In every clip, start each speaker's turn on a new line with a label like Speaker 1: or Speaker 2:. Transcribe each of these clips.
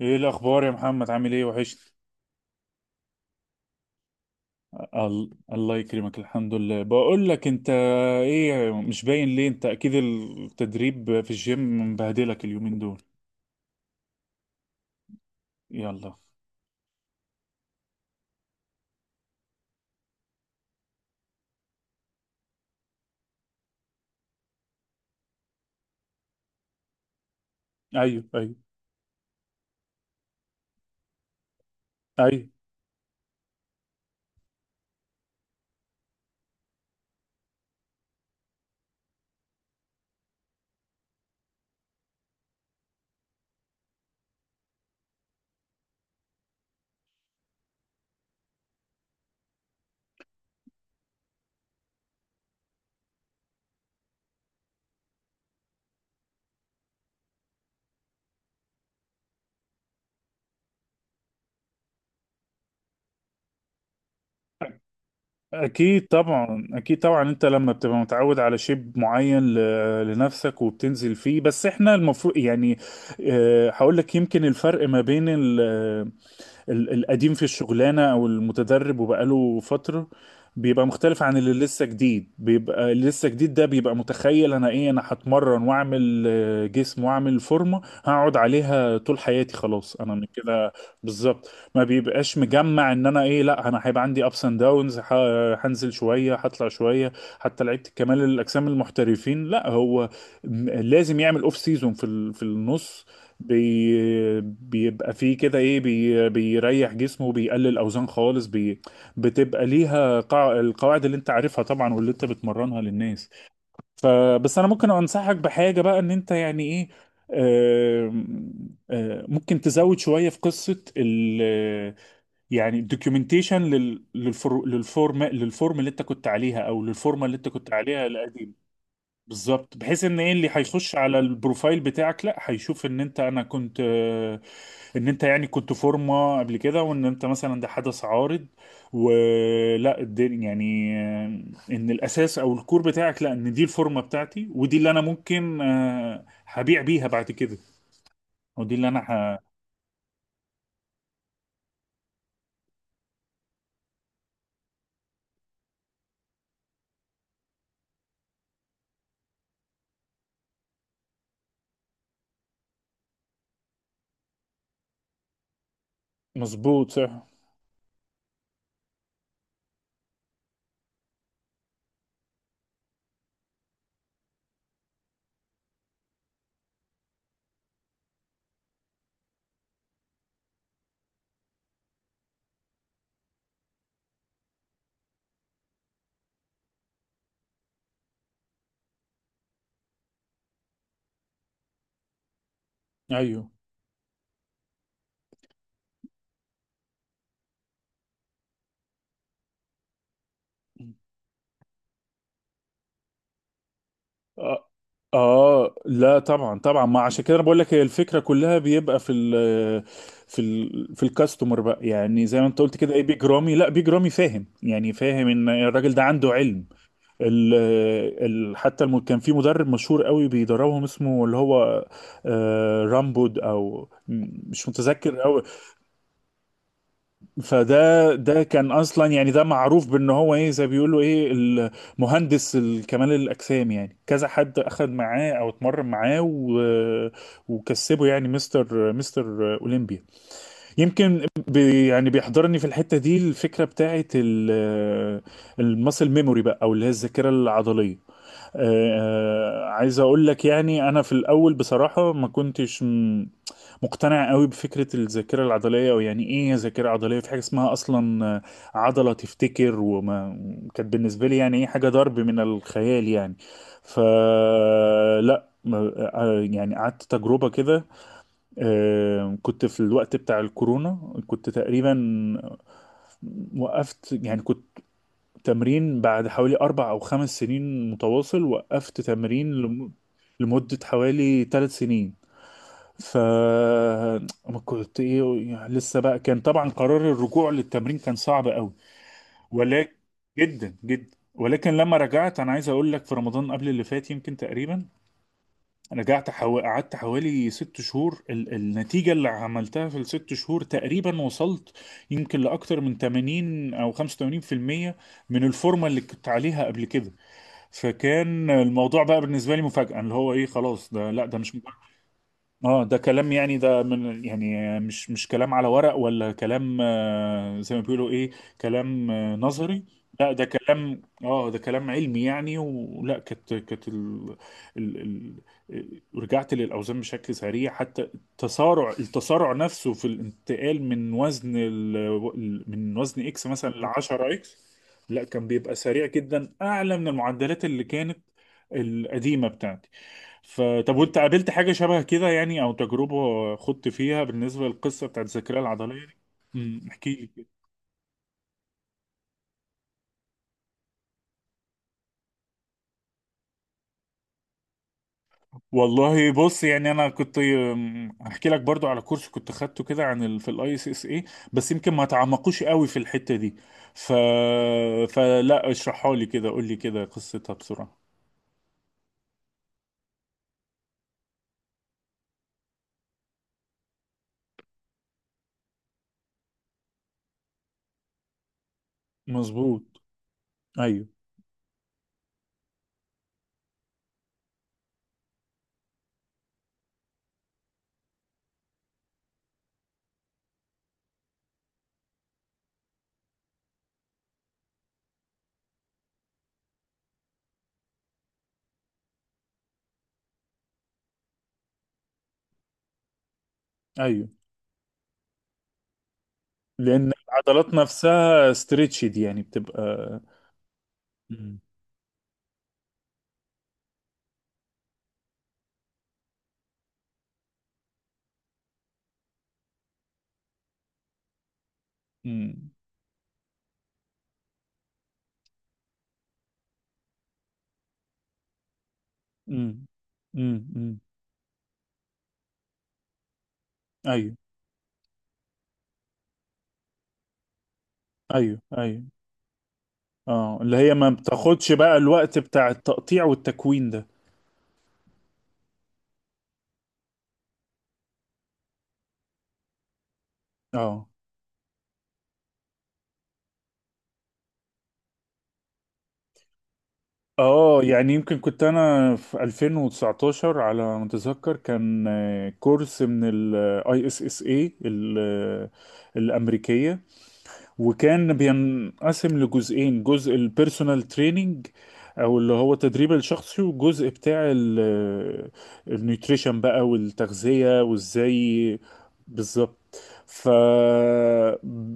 Speaker 1: ايه الاخبار يا محمد؟ عامل ايه؟ وحشت. الله يكرمك. الحمد لله. بقول لك انت، ايه؟ مش باين ليه؟ انت اكيد التدريب في الجيم مبهدلك اليومين دول. يلا. ايوه، ايوه، ايوه. اكيد طبعا، اكيد طبعا، انت لما بتبقى متعود على شيب معين لنفسك وبتنزل فيه، بس احنا المفروض يعني هقول لك، يمكن الفرق ما بين القديم في الشغلانة او المتدرب وبقاله فترة، بيبقى مختلف عن اللي لسه جديد. بيبقى اللي لسه جديد ده بيبقى متخيل انا ايه، انا هتمرن واعمل جسم واعمل فورمة هقعد عليها طول حياتي، خلاص انا من كده. بالظبط، ما بيبقاش مجمع ان انا ايه، لا، انا هيبقى عندي ابس اند داونز، هنزل شوية هطلع شوية. حتى لعيبة كمال الاجسام المحترفين لا، هو لازم يعمل اوف سيزون في النص. بيبقى فيه كده ايه، بيريح جسمه، بيقلل اوزان خالص، بتبقى ليها القواعد اللي انت عارفها طبعا واللي انت بتمرنها للناس. فبس انا ممكن انصحك بحاجة بقى، ان انت يعني ايه، آم، آم، ممكن تزود شوية في قصة ال يعني الدوكيومنتيشن لل... للفر... للفورم للفورم اللي انت كنت عليها، او للفورمة اللي انت كنت عليها القديمة. بالظبط، بحيث ان ايه اللي هيخش على البروفايل بتاعك، لا، هيشوف ان انت، انا كنت ان انت يعني كنت فورمه قبل كده، وان انت مثلا ده حدث عارض ولا الدنيا يعني ان الاساس او الكور بتاعك، لا، ان دي الفورمه بتاعتي ودي اللي انا ممكن هبيع بيها بعد كده، ودي اللي انا مظبوط. صح. ايوه. آه, آه لا، طبعا طبعا. ما عشان كده انا بقول لك، هي الفكره كلها بيبقى في الكاستمر بقى، يعني زي ما انت قلت كده ايه، بيج رامي. لا، بيج رامي فاهم ان الراجل ده عنده علم. ال ال حتى الم كان في مدرب مشهور قوي بيدربهم، اسمه اللي هو رامبود، او مش متذكر قوي. فده كان اصلا يعني ده معروف بان هو ايه، زي بيقولوا ايه، المهندس كمال الاجسام يعني، كذا حد اخذ معاه او اتمرن معاه وكسبه يعني مستر اولمبيا. يمكن يعني بيحضرني في الحتة دي الفكرة بتاعت الماسل ميموري بقى، او اللي هي الذاكرة العضلية. عايز اقول لك يعني، انا في الاول بصراحة ما كنتش مقتنع قوي بفكرة الذاكرة العضلية، او يعني ايه ذاكرة عضلية، في حاجة اسمها اصلا عضلة تفتكر؟ وما كانت بالنسبة لي يعني ايه، حاجة ضرب من الخيال يعني. فلا، يعني قعدت تجربة كده، كنت في الوقت بتاع الكورونا، كنت تقريبا وقفت، يعني كنت تمرين بعد حوالي 4 أو 5 سنين متواصل، وقفت تمرين لم... لمدة حوالي 3 سنين. ف ما كنت ايه يعني، لسه بقى، كان طبعا قرار الرجوع للتمرين كان صعب قوي، ولكن جدا جدا لما رجعت، انا عايز اقول لك في رمضان قبل اللي فات يمكن تقريبا، قعدت حوالي 6 شهور. النتيجة اللي عملتها في ال6 شهور تقريبا، وصلت يمكن لأكتر من 80 أو 85% من الفورمة اللي كنت عليها قبل كده. فكان الموضوع بقى بالنسبه لي مفاجاه، اللي هو ايه، خلاص ده، لا ده مش، اه ده كلام، يعني ده من يعني، مش كلام على ورق، ولا كلام زي ما بيقولوا ايه، كلام نظري، لا، ده كلام، ده كلام علمي يعني، ولا كانت كانت ال... ال... ال... ال- رجعت للاوزان بشكل سريع. حتى التسارع نفسه في الانتقال من وزن اكس مثلا ل 10 اكس، لا، كان بيبقى سريع جدا، اعلى من المعدلات اللي كانت القديمه بتاعته. فطب، وانت قابلت حاجة شبه كده يعني، او تجربة خضت فيها بالنسبة للقصة بتاعت الذاكرة العضلية دي؟ احكي لي كده. والله بص، يعني انا كنت هحكي لك برضو على كورس كنت خدته كده عن في الاي اس اس اي، بس يمكن ما تعمقوش قوي في الحتة دي. ف فلا، اشرحها لي كده، قول لي كده قصتها بسرعة. مظبوط. ايوه، ايوه. لان العضلات نفسها ستريتشد يعني بتبقى. امم. امم. امم. امم. ايوه، ايوه، ايوه. اه، اللي هي ما بتاخدش بقى الوقت بتاع التقطيع والتكوين ده. اه، اه. يعني يمكن كنت انا في 2019 على ما اتذكر، كان كورس من الاي اس اس اي الامريكيه، وكان بينقسم لجزئين: جزء البيرسونال تريننج او اللي هو التدريب الشخصي، وجزء بتاع النيوتريشن بقى والتغذية وازاي. بالظبط. ف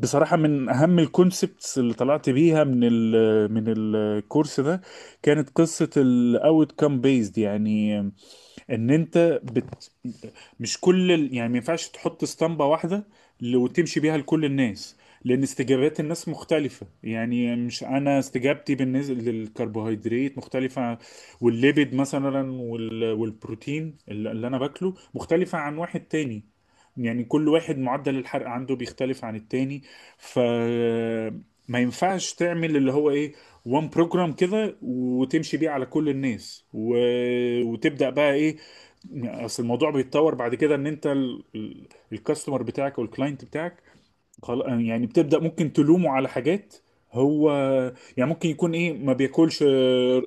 Speaker 1: بصراحة، من أهم الكونسبتس اللي طلعت بيها من ال آه، من الكورس ده، كانت قصة ال outcome based. يعني ان انت مش يعني ما ينفعش تحط اسطمبة واحدة وتمشي بيها لكل الناس، لان استجابات الناس مختلفة. يعني مش، انا استجابتي بالنسبة للكربوهيدرات مختلفة، والليبيد مثلا، والبروتين اللي انا باكله، مختلفة عن واحد تاني. يعني كل واحد معدل الحرق عنده بيختلف عن التاني. ف ما ينفعش تعمل اللي هو ايه، وان بروجرام كده وتمشي بيه على كل الناس وتبدأ بقى ايه. يعني اصل الموضوع بيتطور بعد كده، ان انت الكاستمر بتاعك او الكلاينت بتاعك، يعني بتبدأ ممكن تلومه على حاجات. هو يعني ممكن يكون ايه، ما بياكلش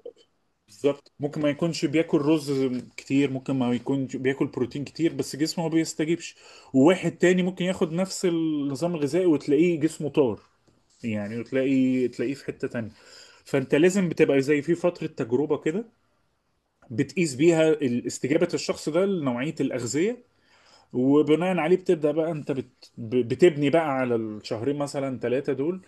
Speaker 1: بالظبط، ممكن ما يكونش بياكل رز كتير، ممكن ما يكونش بياكل بروتين كتير، بس جسمه ما بيستجيبش. وواحد تاني ممكن ياخد نفس النظام الغذائي وتلاقيه جسمه طار، يعني، وتلاقي تلاقيه في حتة تانية. فانت لازم بتبقى زي في فترة تجربة كده بتقيس بيها استجابة الشخص ده لنوعية الأغذية، وبناء عليه بتبدأ بقى انت بتبني بقى على الشهرين مثلا، ثلاثة دول،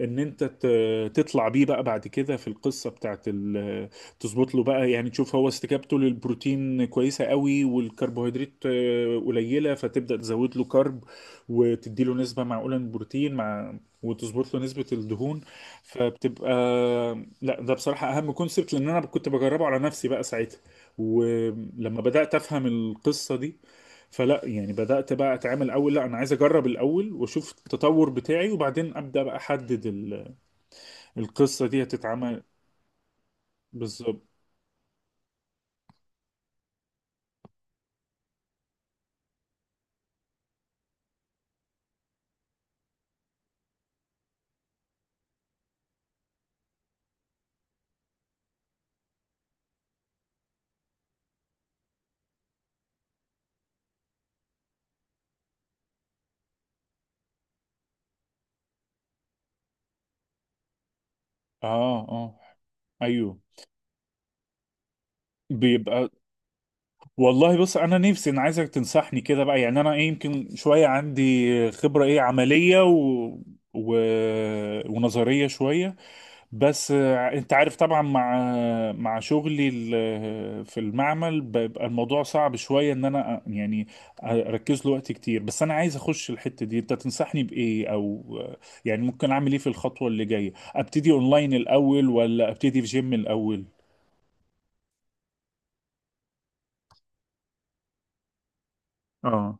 Speaker 1: ان انت تطلع بيه بقى بعد كده في القصة بتاعت تظبط له بقى، يعني تشوف هو استجابته للبروتين كويسة قوي والكربوهيدرات قليلة، فتبدأ تزود له كارب وتدي له نسبة معقولة من البروتين مع، وتظبط له نسبة الدهون. فبتبقى، لا ده بصراحة أهم كونسبت، لأن أنا كنت بجربه على نفسي بقى ساعتها، ولما بدأت أفهم القصة دي، فلا يعني بدأت بقى اتعامل، اول لا انا عايز اجرب الاول واشوف التطور بتاعي، وبعدين ابدأ بقى احدد القصة دي هتتعمل. بالظبط. اه، اه. ايوه. بيبقى والله بص، انا نفسي، انا عايزك تنصحني كده بقى. يعني انا ايه، يمكن شوية عندي خبرة ايه عملية و... ونظرية شوية. بس انت عارف طبعا، مع مع شغلي في المعمل، بيبقى الموضوع صعب شوية ان انا يعني اركز له وقت كتير. بس انا عايز اخش الحتة دي، انت تنصحني بايه او يعني ممكن اعمل ايه في الخطوة اللي جاية؟ ابتدي اونلاين الاول، ولا ابتدي في جيم الاول؟ اه،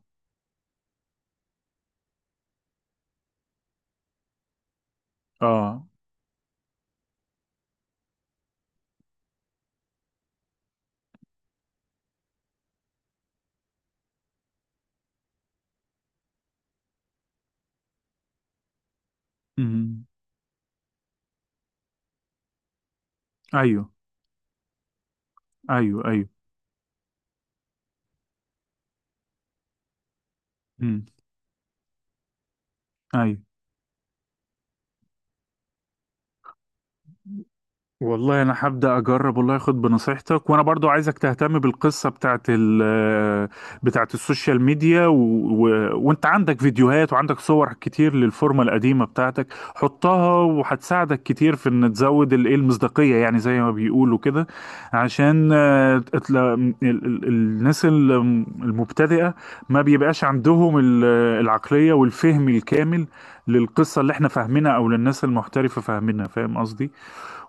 Speaker 1: اه. امم. ايوه، ايوه، ايوه. امم. ايوه. والله انا هبدا اجرب، والله اخد بنصيحتك. وانا برضو عايزك تهتم بالقصه بتاعت ال بتاعت السوشيال ميديا وانت عندك فيديوهات وعندك صور كتير للفورمه القديمه بتاعتك، حطها وهتساعدك كتير في ان تزود الايه، المصداقيه، يعني زي ما بيقولوا كده، عشان الناس المبتدئه ما بيبقاش عندهم العقليه والفهم الكامل للقصه اللي احنا فاهمينها او للناس المحترفه فاهمينها، فاهم قصدي؟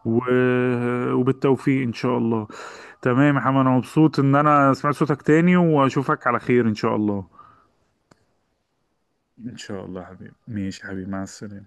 Speaker 1: و... وبالتوفيق ان شاء الله. تمام يا محمد، انا مبسوط ان انا سمعت صوتك تاني، واشوفك على خير ان شاء الله. إن شاء الله يا حبيبي. ماشي يا حبيبي، مع السلامة.